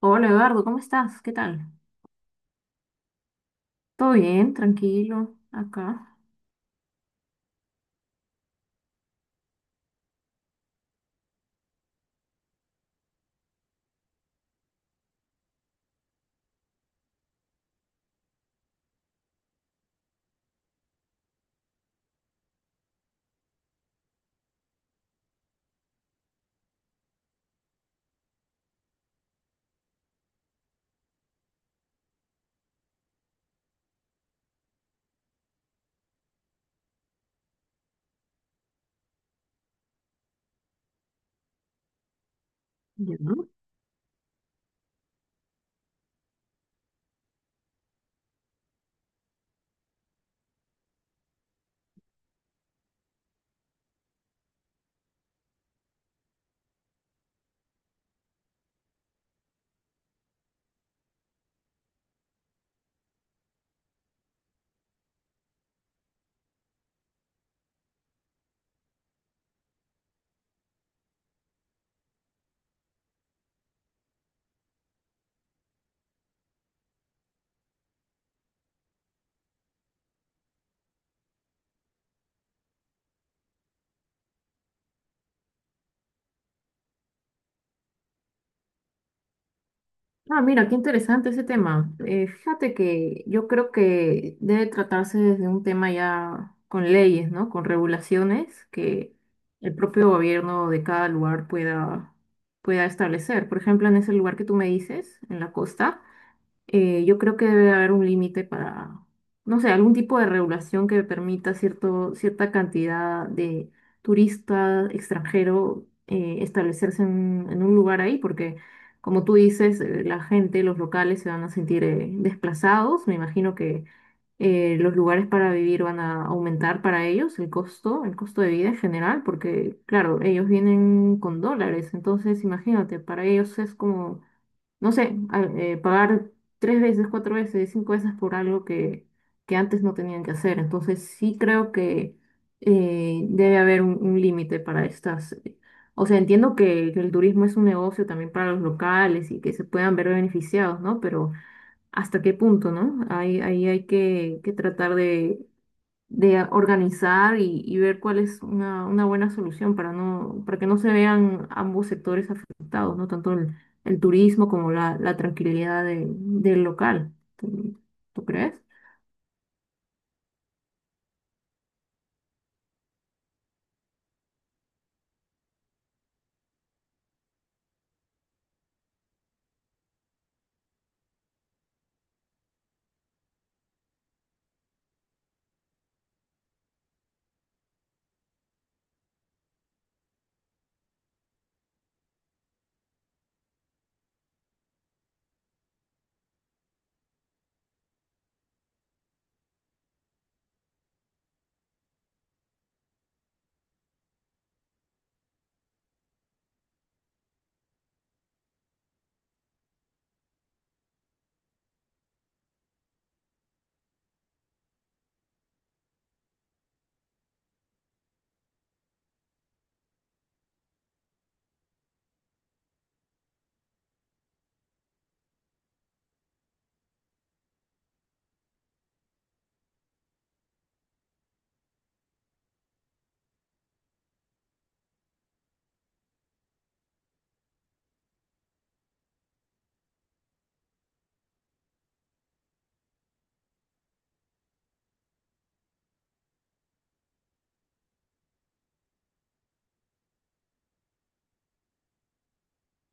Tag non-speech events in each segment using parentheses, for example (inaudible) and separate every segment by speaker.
Speaker 1: Hola Eduardo, ¿cómo estás? ¿Qué tal? ¿Todo bien? Tranquilo, acá. Ya. Ah, mira, qué interesante ese tema. Fíjate que yo creo que debe tratarse desde un tema ya con leyes, ¿no? Con regulaciones que el propio gobierno de cada lugar pueda, pueda establecer. Por ejemplo, en ese lugar que tú me dices, en la costa. Yo creo que debe haber un límite para, no sé, algún tipo de regulación que permita cierto, cierta cantidad de turistas extranjeros establecerse en un lugar ahí, porque como tú dices, la gente, los locales se van a sentir desplazados. Me imagino que los lugares para vivir van a aumentar para ellos el costo de vida en general, porque claro, ellos vienen con dólares, entonces imagínate, para ellos es como no sé, pagar tres veces, cuatro veces, cinco veces por algo que antes no tenían que hacer. Entonces sí creo que debe haber un límite para estas. O sea, entiendo que el turismo es un negocio también para los locales y que se puedan ver beneficiados, ¿no? Pero ¿hasta qué punto, no? Ahí, ahí hay que tratar de organizar y ver cuál es una buena solución para no, para que no se vean ambos sectores afectados, ¿no? Tanto el turismo como la tranquilidad del local. ¿Tú, tú crees?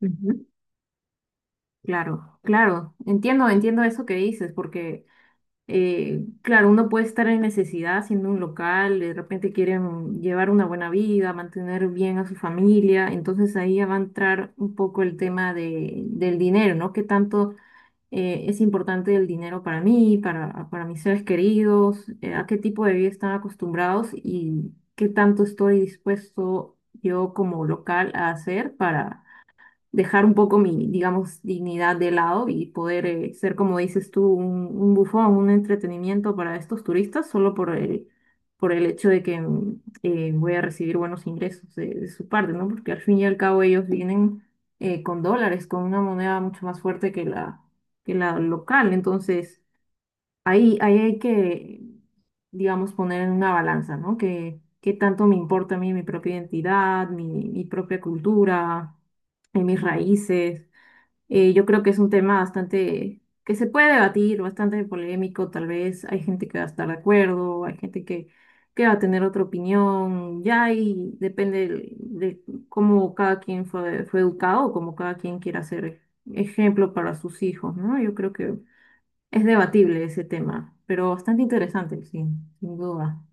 Speaker 1: Ujú. Claro, claro, entiendo, entiendo eso que dices, porque claro, uno puede estar en necesidad siendo un local, de repente quieren llevar una buena vida, mantener bien a su familia, entonces ahí ya va a entrar un poco el tema de, del dinero, ¿no? ¿Qué tanto es importante el dinero para mí, para mis seres queridos, a qué tipo de vida están acostumbrados y qué tanto estoy dispuesto yo como local a hacer para dejar un poco mi, digamos, dignidad de lado y poder ser, como dices tú, un bufón, un entretenimiento para estos turistas solo por el hecho de que voy a recibir buenos ingresos de su parte, ¿no? Porque al fin y al cabo ellos vienen con dólares, con una moneda mucho más fuerte que la local. Entonces, ahí, ahí hay que, digamos, poner en una balanza, ¿no? Que, qué tanto me importa a mí mi propia identidad, mi propia cultura en mis raíces. Yo creo que es un tema bastante que se puede debatir, bastante polémico, tal vez. Hay gente que va a estar de acuerdo, hay gente que va a tener otra opinión, ya y depende de, cómo cada quien fue, fue educado, cómo cada quien quiera ser ejemplo para sus hijos, ¿no? Yo creo que es debatible ese tema, pero bastante interesante, sí, sin duda.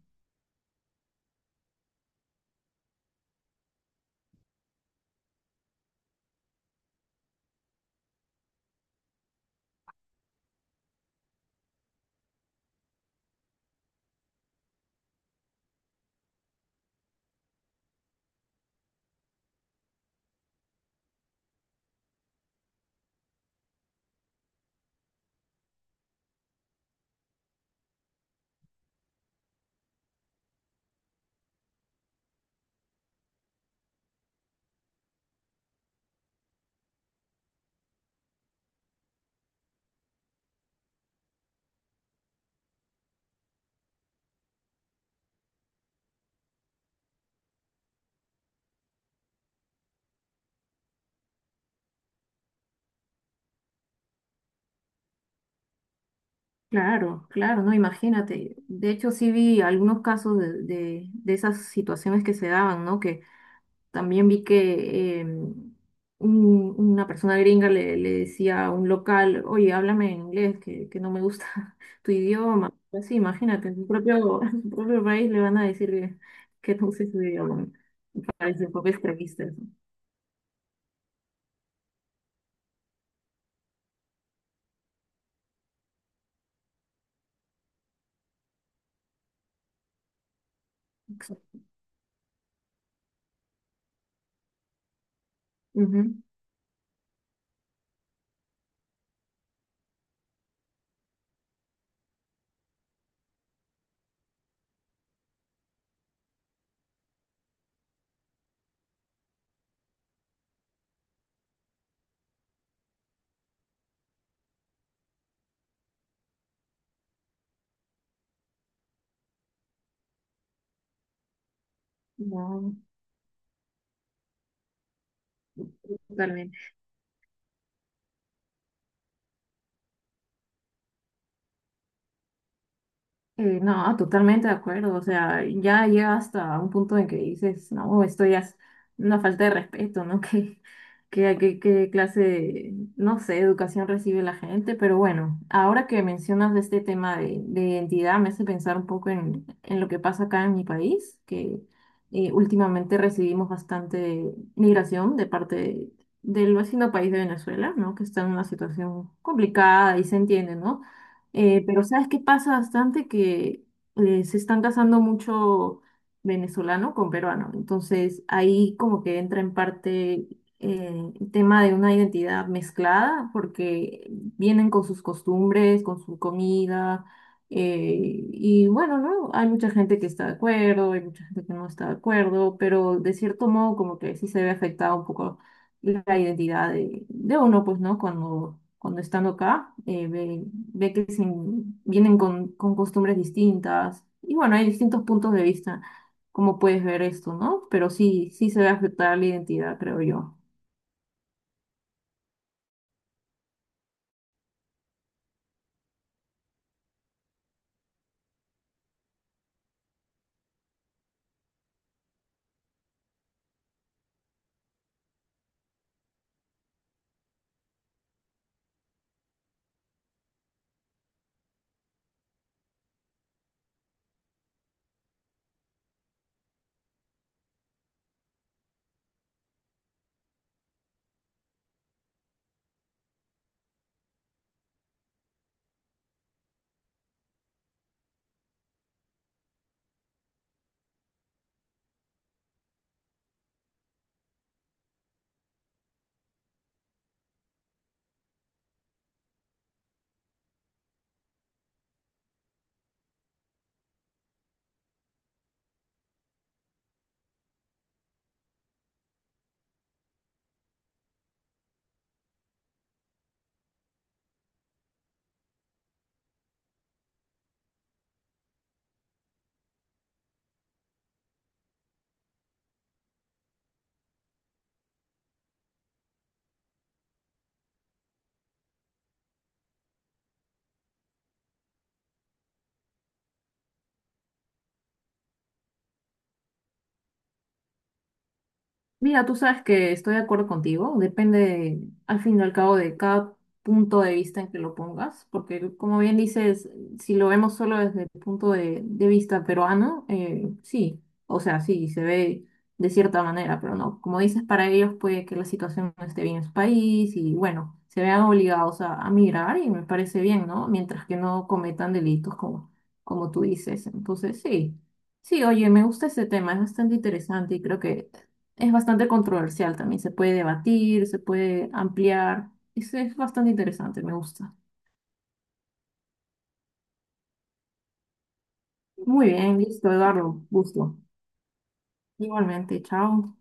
Speaker 1: Claro, claro, no, imagínate. De hecho, sí vi algunos casos de esas situaciones que se daban, ¿no? También vi que una persona gringa le, le decía a un local, oye, háblame en inglés, que no me gusta (laughs) tu idioma. Así, imagínate, en su propio, (laughs) en tu propio país le van a decir que no uses su idioma. Me parece un poco extremista eso. Ujú. No, totalmente. No, totalmente de acuerdo. O sea, ya llega hasta un punto en que dices, no, esto ya es una falta de respeto, ¿no? (laughs) ¿Qué, qué, qué, qué clase de, no sé, educación recibe la gente? Pero bueno, ahora que mencionas de este tema de identidad, me hace pensar un poco en lo que pasa acá en mi país, que últimamente recibimos bastante migración del vecino país de Venezuela, ¿no? Que está en una situación complicada y se entiende, ¿no? Pero ¿sabes qué pasa bastante? Que se están casando mucho venezolano con peruano. Entonces ahí como que entra en parte el tema de una identidad mezclada porque vienen con sus costumbres, con su comida. Y bueno, ¿no? Hay mucha gente que está de acuerdo, hay mucha gente que no está de acuerdo, pero de cierto modo como que sí se ve afectado un poco la identidad de uno, pues, ¿no? Cuando, cuando estando acá, ve, ve que vienen con costumbres distintas. Y bueno, hay distintos puntos de vista, como puedes ver esto, ¿no? Pero sí, sí se ve afectada la identidad, creo yo. Mira, tú sabes que estoy de acuerdo contigo, depende al fin y al cabo de cada punto de vista en que lo pongas, porque como bien dices, si lo vemos solo desde el punto de vista peruano, sí, o sea, sí, se ve de cierta manera, pero no, como dices, para ellos puede que la situación no esté bien en su país y bueno, se vean obligados a migrar y me parece bien, ¿no? Mientras que no cometan delitos como, como tú dices, entonces sí. Sí, oye, me gusta ese tema, es bastante interesante y creo que es bastante controversial también. Se puede debatir, se puede ampliar. Eso es bastante interesante, me gusta. Muy bien, listo, Eduardo. Gusto. Igualmente, chao.